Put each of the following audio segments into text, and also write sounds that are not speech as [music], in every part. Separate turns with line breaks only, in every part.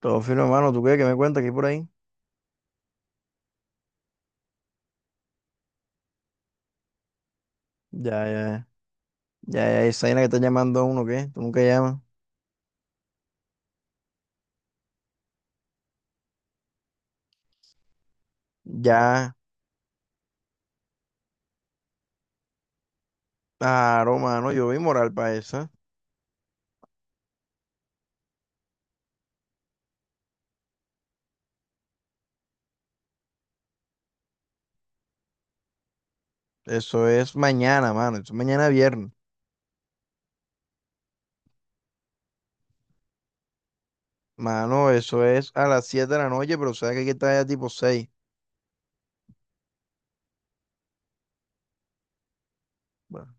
Todo fino, hermano. ¿Tú qué? ¿Qué me cuentas? ¿Qué hay por ahí? Ya, ya, ya, ya, esa vaina que está llamando a uno, ¿qué? Tú nunca llamas. Ya, claro, mano. Yo vi moral para esa. Eso es mañana, mano. Eso es mañana viernes. Mano, eso es a las 7 de la noche, pero sabes que hay que estar ya tipo 6. Bueno.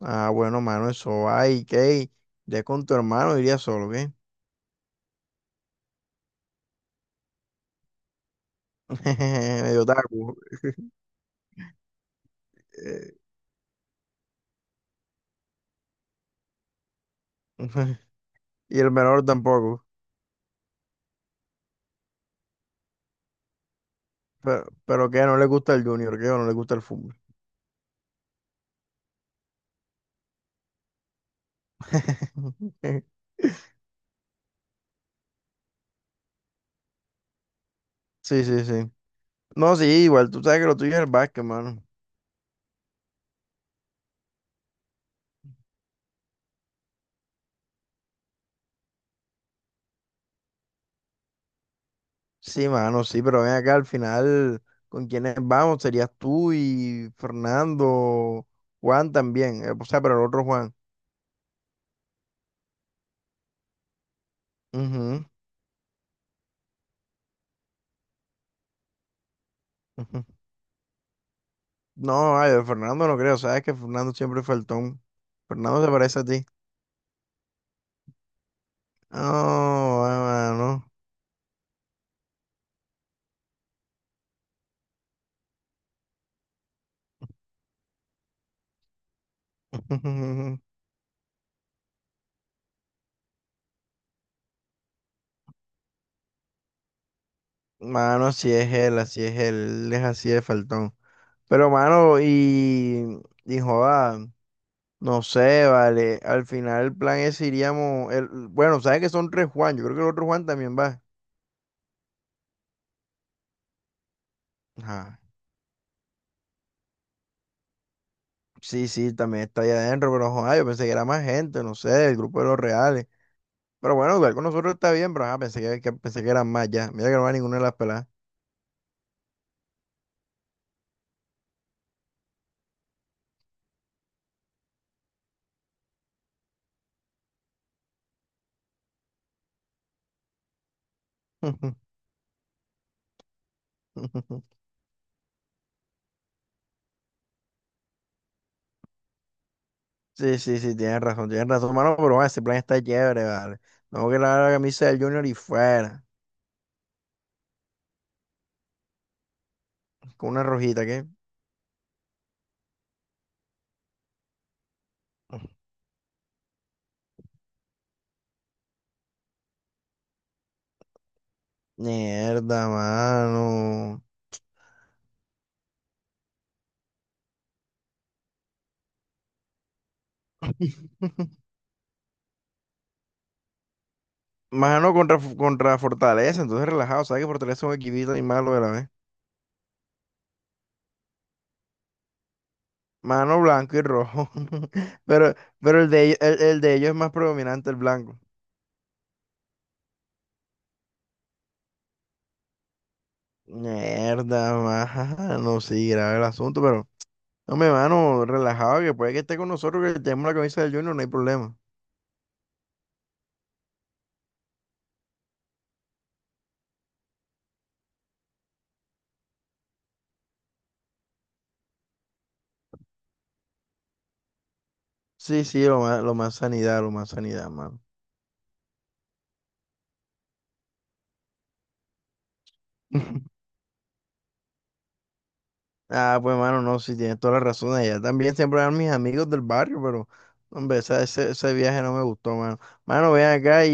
Ah, bueno, mano, eso va. ¿Y qué? Ya con tu hermano iría solo, ¿qué? [laughs] Medio taco. eh, [laughs] Y el menor tampoco. Pero ¿qué? ¿No le gusta el Junior? ¿Qué? ¿O no le gusta el fútbol? [laughs] Sí, sí, sí. No, sí, igual tú sabes que lo tuyo es el básquet, mano. Sí, mano, sí, pero ven acá al final, ¿con quiénes vamos? Serías tú y Fernando, Juan también, o sea, pero el otro Juan. Ujú, ujú. No, ay, de Fernando no creo, sabes que Fernando siempre fue faltón. Fernando se parece a ti. No, mano. [laughs] Mano, si es él, así es él, él es así de faltón. Pero, mano, y joda. No sé, vale. Al final el plan es iríamos. Bueno, sabes que son tres Juan. Yo creo que el otro Juan también va. Ajá. Sí, sí, también está allá adentro, pero joder, yo pensé que era más gente, no sé, el grupo de los reales. Pero bueno, igual con nosotros está bien, pero ajá, pensé pensé que eran más ya. Mira que no va ninguna de las peladas. [laughs] Sí, sí, sí, tienes razón, mano, pero bueno, ese plan está chévere, vale. Tengo que lavar la camisa del Junior y fuera. Con una rojita, ¿qué? Mierda, mano. [laughs] Mano contra Fortaleza, entonces relajado. Sabes que Fortaleza es un equipito y malo de la vez. Mano, blanco y rojo. [laughs] Pero, pero el de ellos es más predominante el blanco. Mierda, mano. Sí, grave el asunto, pero. Hombre, mano, relajado, que puede que esté con nosotros, que tenemos la camisa del Junior, no hay problema. Sí, sí, lo más sanidad, lo más sanidad, mano. [laughs] Ah, pues mano, no, sí tienes toda la razón. Allá también siempre eran mis amigos del barrio, pero hombre, ese viaje no me gustó, mano. Mano, ven acá y,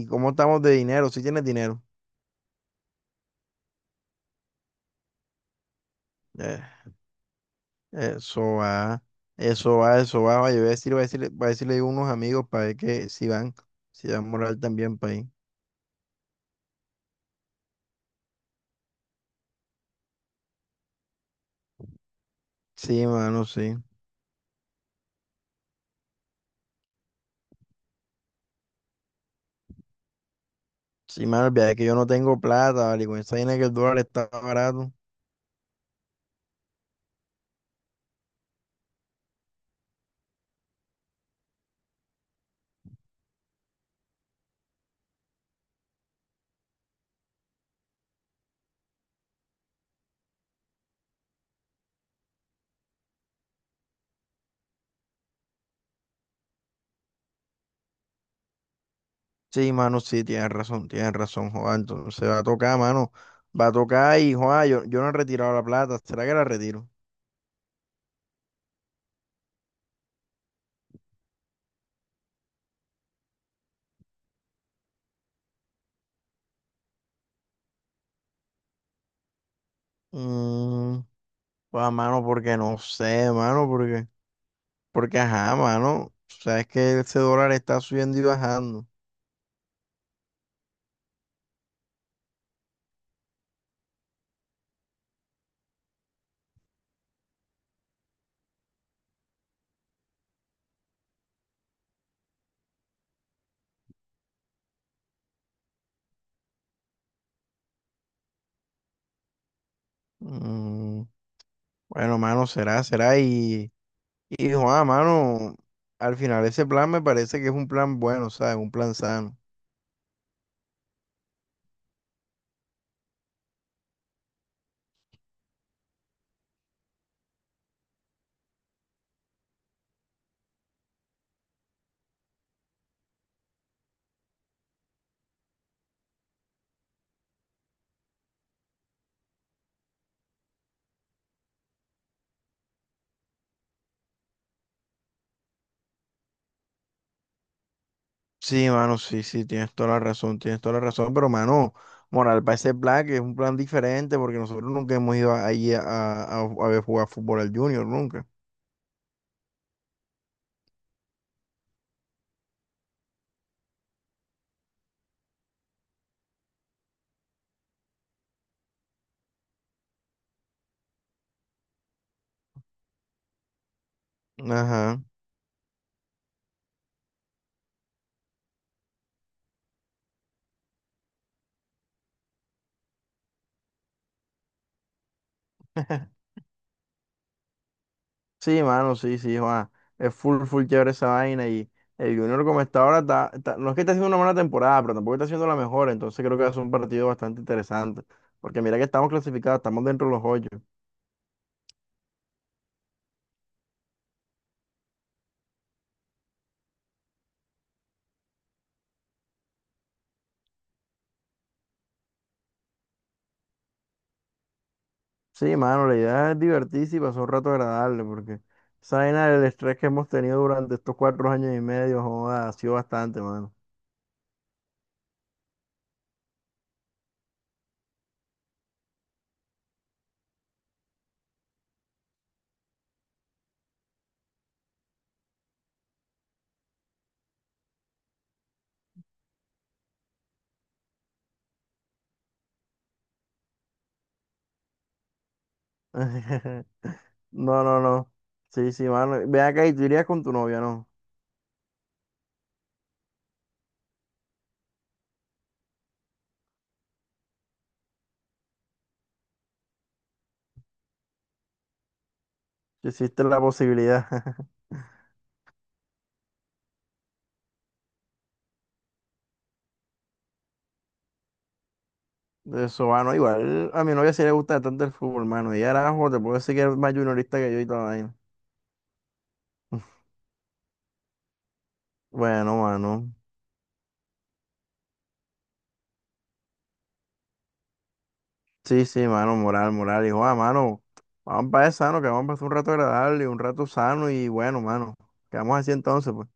y cómo estamos de dinero, si tienes dinero. Eh, Eso va, eso va, eso va. Vaya, voy a decirle a unos amigos para ver que si van, si dan moral también para ir. Sí, mano, sí. Sí, mano, el viaje es que yo no tengo plata, vale, con esa vaina que el dólar está barato. Sí, mano, sí, tienes razón, Juan. Entonces va a tocar, mano. Va a tocar y, Juan, yo no he retirado la plata. ¿Será que la retiro? Mm, Juan, mano, porque no sé, mano, porque ajá, mano. Sabes que ese dólar está subiendo y bajando. Mm, bueno, mano, será, será. Juan, mano, al final ese plan me parece que es un plan bueno, ¿sabes? Un plan sano. Sí, mano, sí, sí, tienes toda la razón, tienes toda la razón, pero mano, moral para ese plan que es un plan diferente porque nosotros nunca hemos ido ahí a ver jugar fútbol al Junior, nunca. Ajá. [laughs] Sí, mano, sí, sí, Juan. Es full, full chévere esa vaina y el Junior como está ahora, no es que esté haciendo una mala temporada, pero tampoco está haciendo la mejor, entonces creo que va a ser un partido bastante interesante, porque mira que estamos clasificados, estamos dentro de los ocho. Sí, mano, la idea es divertirse y pasar un rato agradable, porque esa vaina del estrés que hemos tenido durante estos 4 años y medio, joda, ha sido bastante, mano. [laughs] No, no, no. Sí, sí, mano. Ve acá y tú irías con tu novia, ¿no? Si existe la posibilidad [laughs] de eso, mano. Igual a mi novia sí le gusta bastante el fútbol, mano. Y ahora, te puedo decir que es más juniorista que yo y toda la vaina. [laughs] Bueno, mano. Sí, sí, mano, moral, moral. Hijo, ah, mano, vamos para allá sano, que vamos a pasar un rato agradable, un rato sano y bueno, mano. Quedamos así entonces, pues.